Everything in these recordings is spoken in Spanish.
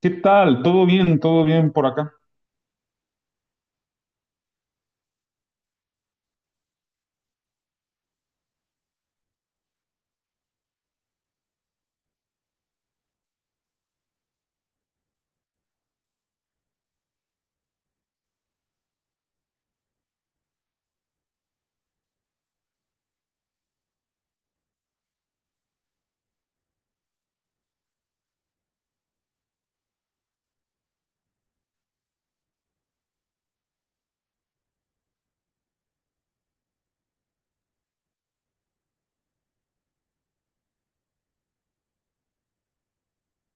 ¿Qué tal? ¿Todo bien? ¿Todo bien por acá?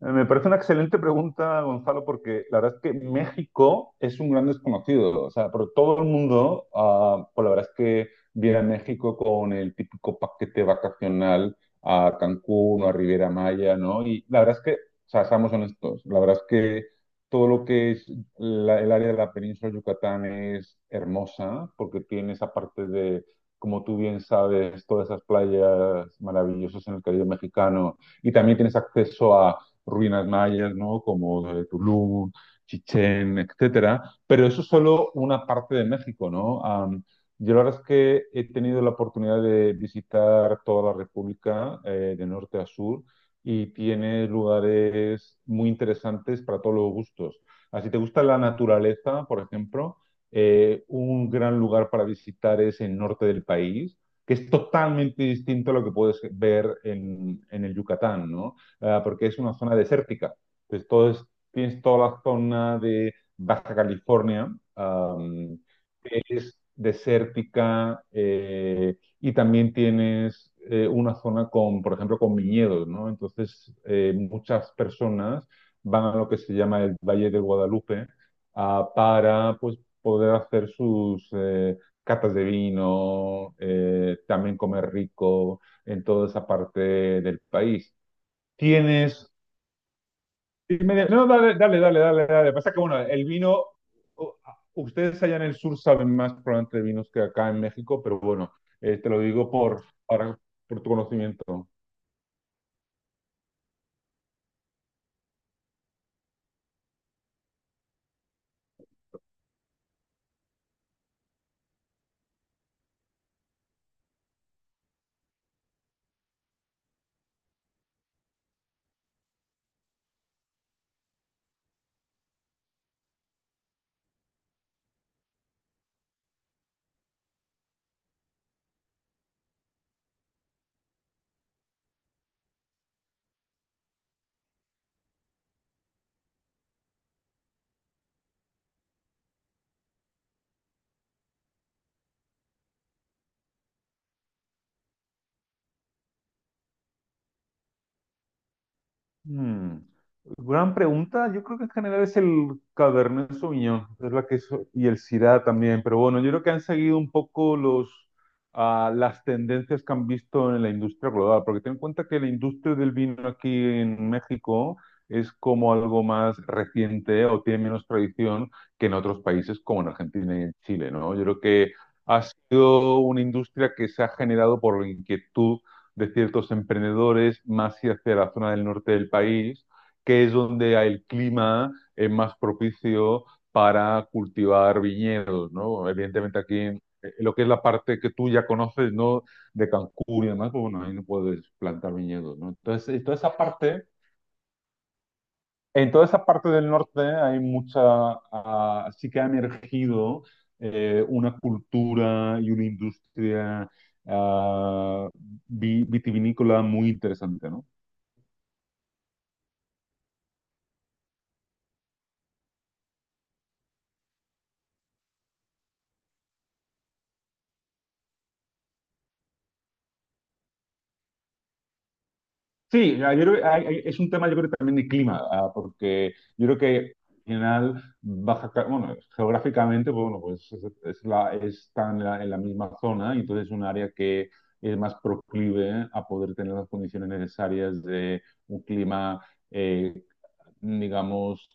Me parece una excelente pregunta, Gonzalo, porque la verdad es que México es un gran desconocido. O sea, pero todo el mundo, pues la verdad es que viene a México con el típico paquete vacacional a Cancún o a Riviera Maya, ¿no? Y la verdad es que, o sea, seamos honestos, la verdad es que todo lo que es el área de la península de Yucatán es hermosa, porque tiene esa parte de, como tú bien sabes, todas esas playas maravillosas en el Caribe mexicano y también tienes acceso a ruinas mayas, ¿no? Como Tulum, Chichén, etcétera. Pero eso es solo una parte de México, ¿no? Yo la verdad es que he tenido la oportunidad de visitar toda la República, de norte a sur, y tiene lugares muy interesantes para todos los gustos. Así te gusta la naturaleza, por ejemplo, un gran lugar para visitar es el norte del país, que es totalmente distinto a lo que puedes ver en el Yucatán, ¿no? Porque es una zona desértica. Entonces, todo es, tienes toda la zona de Baja California, um, que es desértica, y también tienes una zona con, por ejemplo, con viñedos, ¿no? Entonces, muchas personas van a lo que se llama el Valle de Guadalupe para, pues, poder hacer sus catas de vino, también comer rico en toda esa parte del país. Tienes. Y no, dale, dale, dale, dale, dale. Pasa que, bueno, el vino, u- ustedes allá en el sur saben más probablemente de vinos que acá en México, pero bueno, te lo digo por, por tu conocimiento. Hmm. Gran pregunta. Yo creo que en general es el Cabernet Sauvignon, es la que y el Syrah también. Pero bueno, yo creo que han seguido un poco las tendencias que han visto en la industria global. Porque ten en cuenta que la industria del vino aquí en México es como algo más reciente o tiene menos tradición que en otros países como en Argentina y en Chile, ¿no? Yo creo que ha sido una industria que se ha generado por la inquietud de ciertos emprendedores más y hacia la zona del norte del país, que es donde el clima es más propicio para cultivar viñedos, ¿no? Evidentemente aquí en lo que es la parte que tú ya conoces, ¿no? De Cancún y demás, pues bueno, ahí no puedes plantar viñedos, ¿no? Entonces, toda esa parte en toda esa parte del norte hay mucha, sí que ha emergido una cultura y una industria ah, vitivinícola muy interesante, ¿no? Sí, yo creo que es un tema yo creo que también de clima, porque yo creo que al final bueno, geográficamente, pues, bueno, pues es la, está en la misma zona y entonces es un área que es más proclive a poder tener las condiciones necesarias de un clima eh, digamos,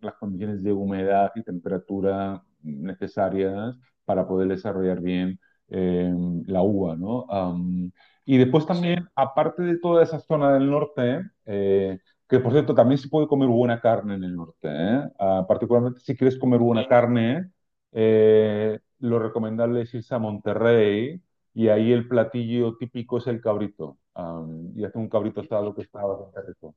las condiciones de humedad y temperatura necesarias para poder desarrollar bien eh, la uva, ¿no? Y después sí, también, aparte de toda esa zona del norte, que por cierto, también se puede comer buena carne en el norte, ¿eh? Ah, particularmente si quieres comer buena Sí. carne, lo recomendable es irse a Monterrey y ahí el platillo típico es el cabrito. Y hace un cabrito el asado que está bastante rico.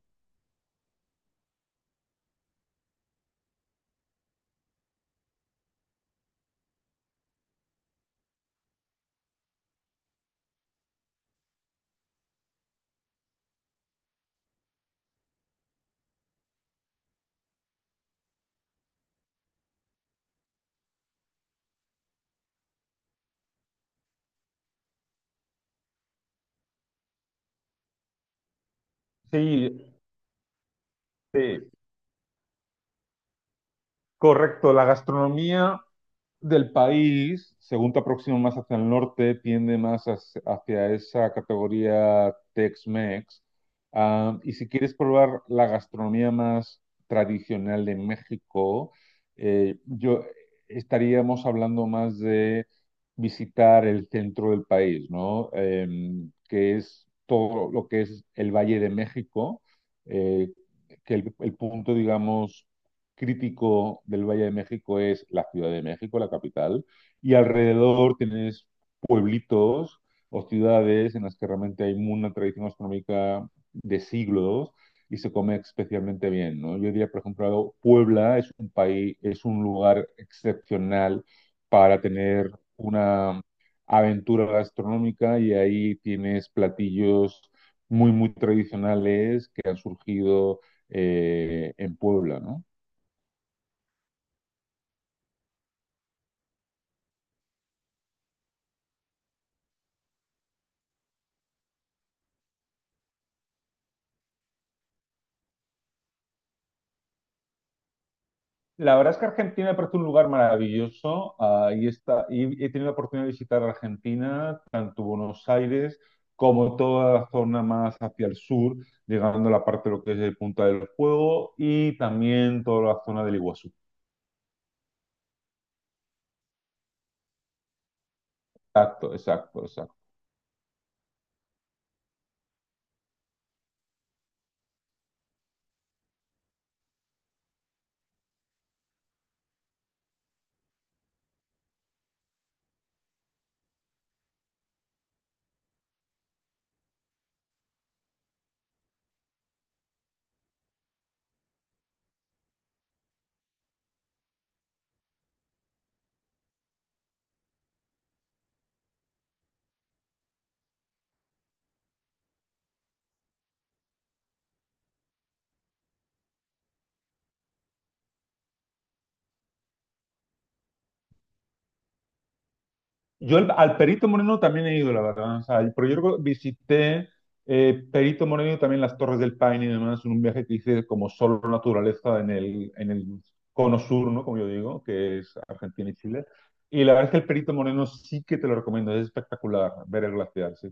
Sí, sí, correcto. La gastronomía del país, según te aproximas más hacia el norte, tiende más hacia, hacia esa categoría Tex-Mex. Ah, y si quieres probar la gastronomía más tradicional de México, yo estaríamos hablando más de visitar el centro del país, ¿no? Que es todo lo que es el Valle de México, eh, que el punto, digamos crítico del Valle de México es la Ciudad de México, la capital, y alrededor tienes pueblitos o ciudades en las que realmente hay una tradición gastronómica de siglos y se come especialmente bien, ¿no? Yo diría, por ejemplo, Puebla es un país, es un lugar excepcional para tener una aventura gastronómica y ahí tienes platillos muy, muy tradicionales que han surgido en Puebla, ¿no? La verdad es que Argentina me parece un lugar maravilloso. Ahí está, y he tenido la oportunidad de visitar Argentina, tanto Buenos Aires como toda la zona más hacia el sur, llegando a la parte de lo que es el Punta del Fuego y también toda la zona del Iguazú. Exacto, exacto, exacto. Yo al Perito Moreno también he ido, la verdad. O sea, pero yo creo que visité Perito Moreno y también las Torres del Paine y demás en un viaje que hice como solo naturaleza en el cono sur, ¿no? Como yo digo, que es Argentina y Chile. Y la verdad es que el Perito Moreno sí que te lo recomiendo, es espectacular ver el glaciar, sí.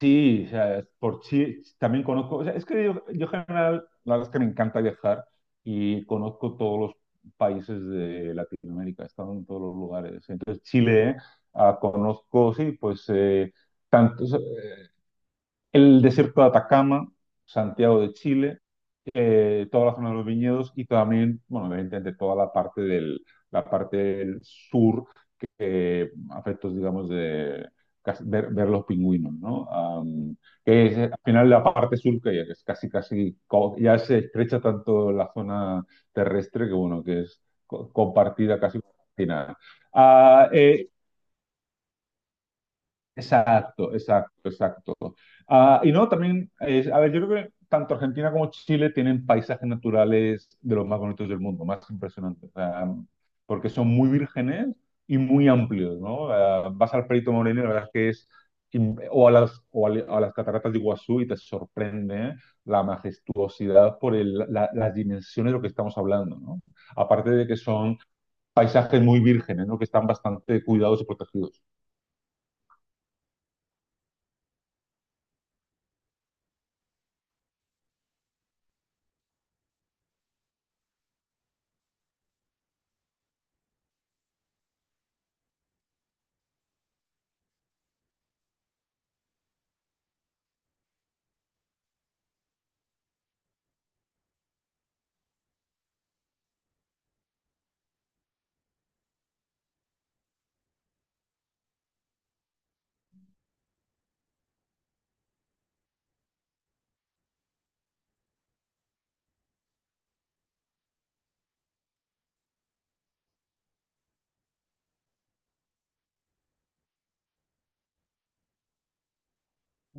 Sí, o sea, por sí también conozco, o sea, es que yo en general, la verdad es que me encanta viajar y conozco todos los países de Latinoamérica, he estado en todos los lugares. Entonces, Chile, conozco, sí, pues, tanto, el desierto de Atacama, Santiago de Chile, toda la zona de los viñedos y también, bueno, evidentemente toda la parte la parte del sur afectos, digamos, de ver, ver los pingüinos, ¿no? Que es, al final la parte sur que ya que es casi, casi, ya se estrecha tanto la zona terrestre que, bueno, que es compartida casi con la China. Ah, eh, exacto, exacto, exacto. Ah, y no, también, a ver, yo creo que tanto Argentina como Chile tienen paisajes naturales de los más bonitos del mundo, más impresionantes, o sea, porque son muy vírgenes y muy amplios, ¿no? Ah, vas al Perito Moreno y la verdad es que es, o a o a las cataratas de Iguazú y te sorprende la majestuosidad por las dimensiones de lo que estamos hablando, ¿no? Aparte de que son paisajes muy vírgenes, ¿no? Que están bastante cuidados y protegidos.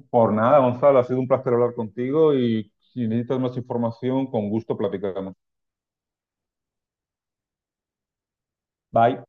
Por nada, Gonzalo, ha sido un placer hablar contigo y si necesitas más información, con gusto platicamos. Bye.